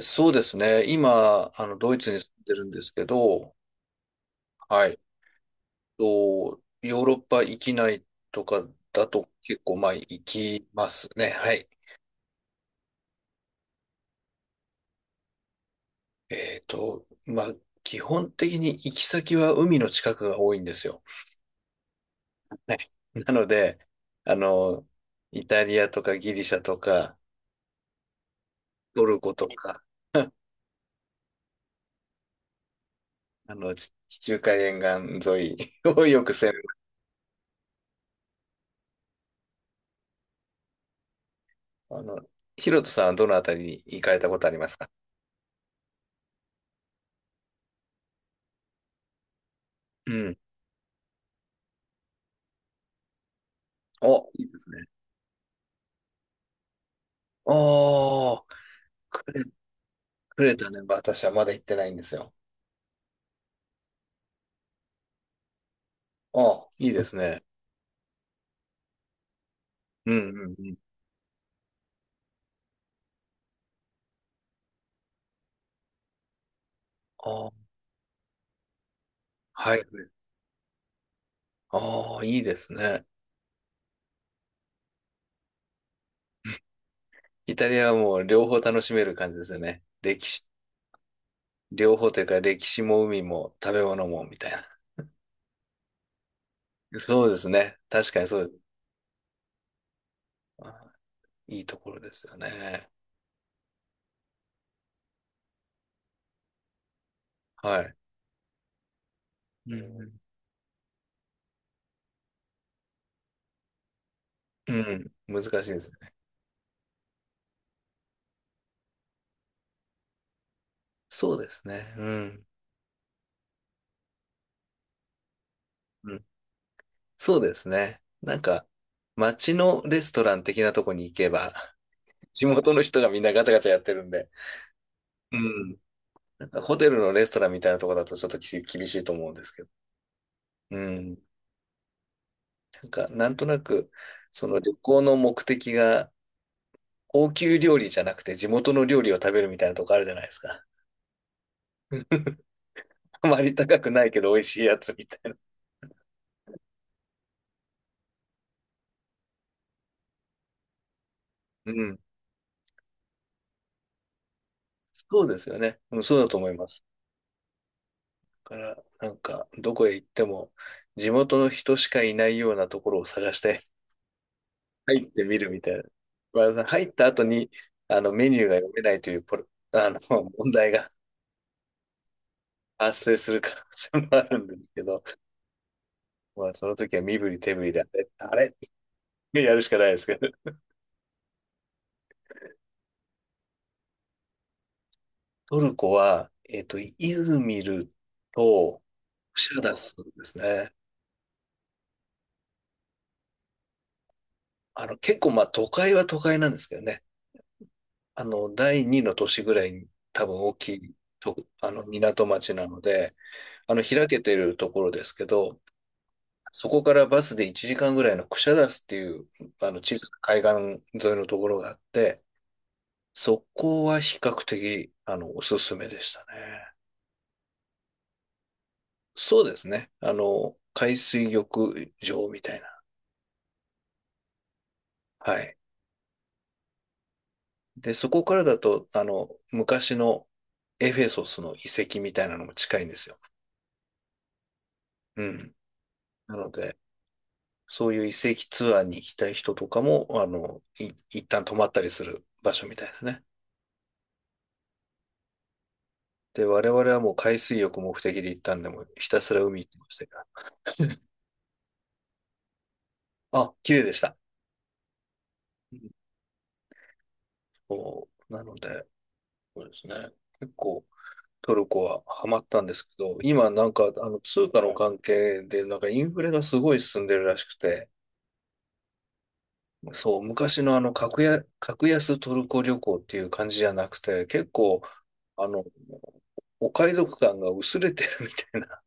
そうですね。今、ドイツに住んでるんですけど、はい。と、ヨーロッパ域きないとかだと結構、まあ、行きますね。はい。まあ、基本的に行き先は海の近くが多いんですよ。はい。なので、あの、イタリアとかギリシャとか、トルコとか、地中海沿岸沿いをよく攻める。あの、ヒロトさんはどのあたりに行かれたことありますか？うん。お、いいですね。ああ、くれ、くれたね。私はまだ行ってないんですよ。ああ、いいですね。うんうんうん。ああ、はい。ああ、いいですね。イタリアはもう両方楽しめる感じですよね。歴史、両方というか歴史も海も食べ物もみたいな。そうですね。確かにそうです。あいいところですよね。はい。うんうん。うん、難しいですね。そうですね。うん。うん、そうですね。なんか、街のレストラン的なとこに行けば地元の人がみんなガチャガチャやってるんで。うん。なんかホテルのレストランみたいなとこだとちょっと厳しいと思うんですけど。うん。なんか、なんとなく、その旅行の目的が、高級料理じゃなくて地元の料理を食べるみたいなとこあるじゃないですか。うん、あまり高くないけど美味しいやつみたいな。うん。そうですよね。うん、そうだと思います。だから、なんか、どこへ行っても、地元の人しかいないようなところを探して入ってみるみたいな。まあ、入った後に、メニューが読めないというポロ、あの、問題が 発生する可能性もあるんですけど、まあ、その時は身振り手振りで、あれやるしかないですけど。トルコは、イズミルとシャダスですね。結構、まあ、都会は都会なんですけどね。第二の都市ぐらいに多分大きいと、港町なので、開けてるところですけど、そこからバスで1時間ぐらいのクシャダスっていう、小さな海岸沿いのところがあって、そこは比較的、おすすめでしたね。そうですね。海水浴場みたいな。はい。で、そこからだと、昔のエフェソスの遺跡みたいなのも近いんですよ。うん。なので、そういう遺跡ツアーに行きたい人とかも、一旦泊まったりする場所みたいですね。で、我々はもう海水浴目的で行ったんで、もうひたすら海行ってましたから。あ、綺麗でした。うん。そうなので、そうですね。結構トルコはハマったんですけど、今なんかあの通貨の関係でなんかインフレがすごい進んでるらしくて、そう、昔の格安トルコ旅行っていう感じじゃなくて、結構あの、お買い得感が薄れてるみたいな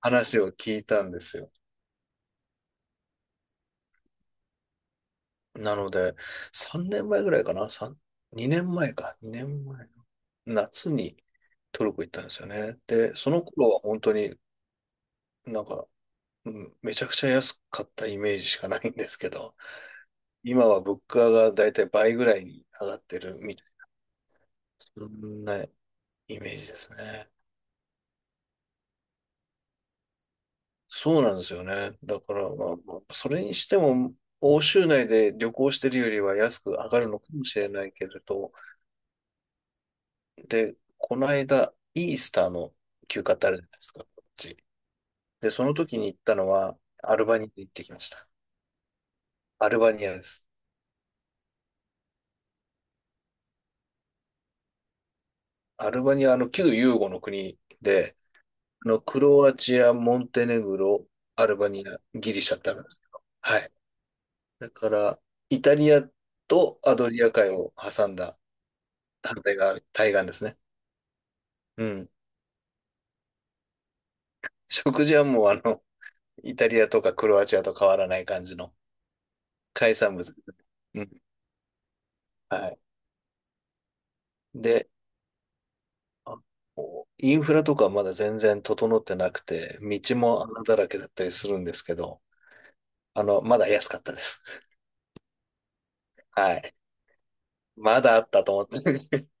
話を聞いたんですよ。なので、3年前ぐらいかな？ 3、2年前か。2年前の夏にトルコ行ったんですよね。で、その頃は本当になんか、うん、めちゃくちゃ安かったイメージしかないんですけど、今は物価がだいたい倍ぐらいに上がってるみたいな、そんなイメージですね。そうなんですよね。だから、まあそれにしても、欧州内で旅行してるよりは安く上がるのかもしれないけれど、で、この間、イースターの休暇ってあるじゃないですか、こっち。で、その時に行ったのは、アルバニアに行ってきました。アルバニアです。アルバニア、旧ユーゴの国で、クロアチア、モンテネグロ、アルバニア、ギリシャってあるんですけど。はい。だから、イタリアとアドリア海を挟んだ反対側、対岸ですね。うん。食事はもう、イタリアとかクロアチアと変わらない感じの海産物。うん。はい。で、あこうインフラとかまだ全然整ってなくて、道も穴だらけだったりするんですけど、まだ安かったです。はい。まだあったと思って。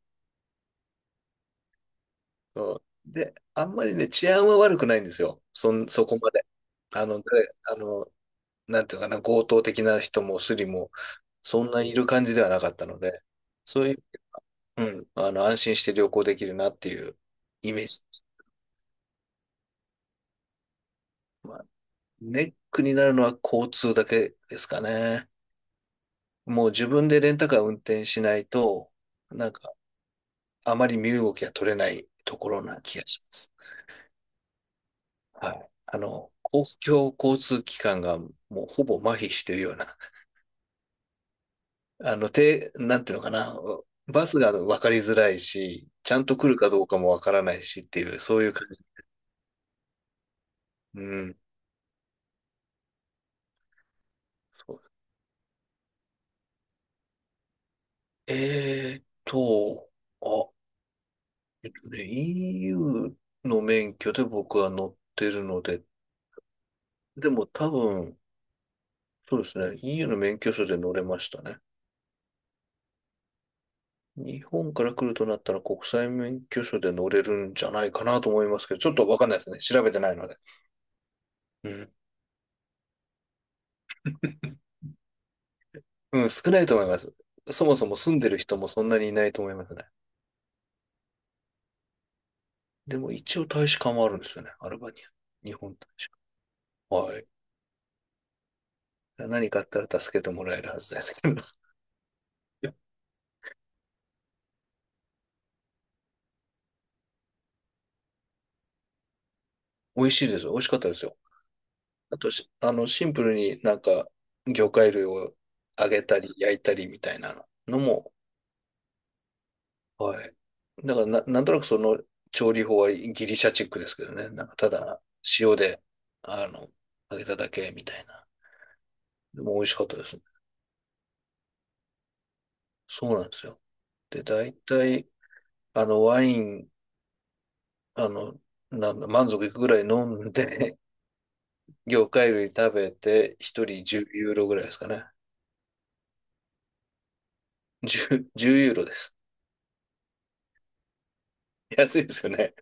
そうで、あんまりね、治安は悪くないんですよ。そこまで。あの、誰あの、なんていうのかな、強盗的な人もスリも、そんないる感じではなかったので、そういう、うん、安心して旅行できるなっていうイメージです。まあ、ネックになるのは交通だけですかね。もう自分でレンタカー運転しないと、なんか、あまり身動きが取れないところな気がします。はい。公共交通機関がもうほぼ麻痺してるような、なんていうのかな、バスが分かりづらいし、ちゃんと来るかどうかも分からないしっていう、そういう感じ。うん。そうえーっと、あ、EU の免許で僕は乗ってるので、でも多分、そうですね。EU の免許証で乗れましたね。日本から来るとなったら国際免許証で乗れるんじゃないかなと思いますけど、ちょっとわかんないですね。調べてないので。うん。うん、少ないと思います。そもそも住んでる人もそんなにいないと思いますね。でも一応大使館はあるんですよね。アルバニア。日本大使館。はい。何かあったら助けてもらえるはずですけど。いや、美味しいですよ。美味しかったですよ。あとし、あの、シンプルになんか魚介類を揚げたり焼いたりみたいなのも。はい。だからな、なんとなくその調理法はギリシャチックですけどね。なんかただ塩で、あの、揚げただけみたいな。でも美味しかったですね。そうなんですよ。で、大体、あの、ワイン、あの、なんだ、満足いくぐらい飲んで、魚介類食べて、一人10ユーロぐらいですかね。10、じゅうユーロです。安いですよね。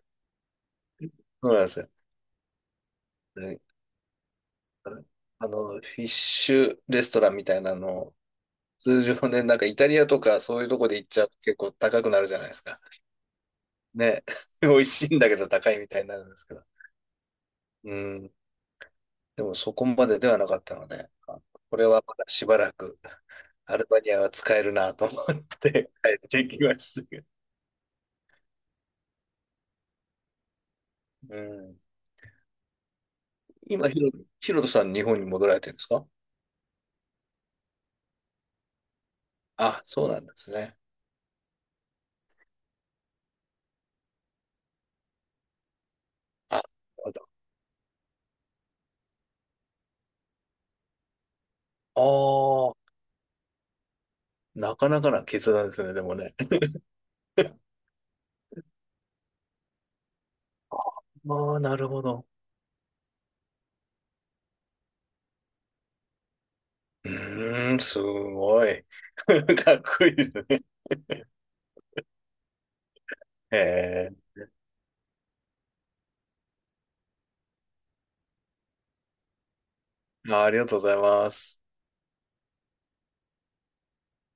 そうなんですよ。で、フィッシュレストランみたいなの通常ね、なんかイタリアとかそういうとこで行っちゃうと結構高くなるじゃないですか。ね。美味しいんだけど高いみたいになるんですけど。うん。でもそこまでではなかったので、あ、これはまだしばらくアルバニアは使えるなと思って 帰ってきましたけど。うん。今、ヒロトさん日本に戻られてるんですか？あ、そうなんですね。あ、なるほど。ああ、なかなかな決断ですね、でもね。ああ、なるほど。うーん、すごい。かっこいいですね。へえ。まあ、ありがとうございます。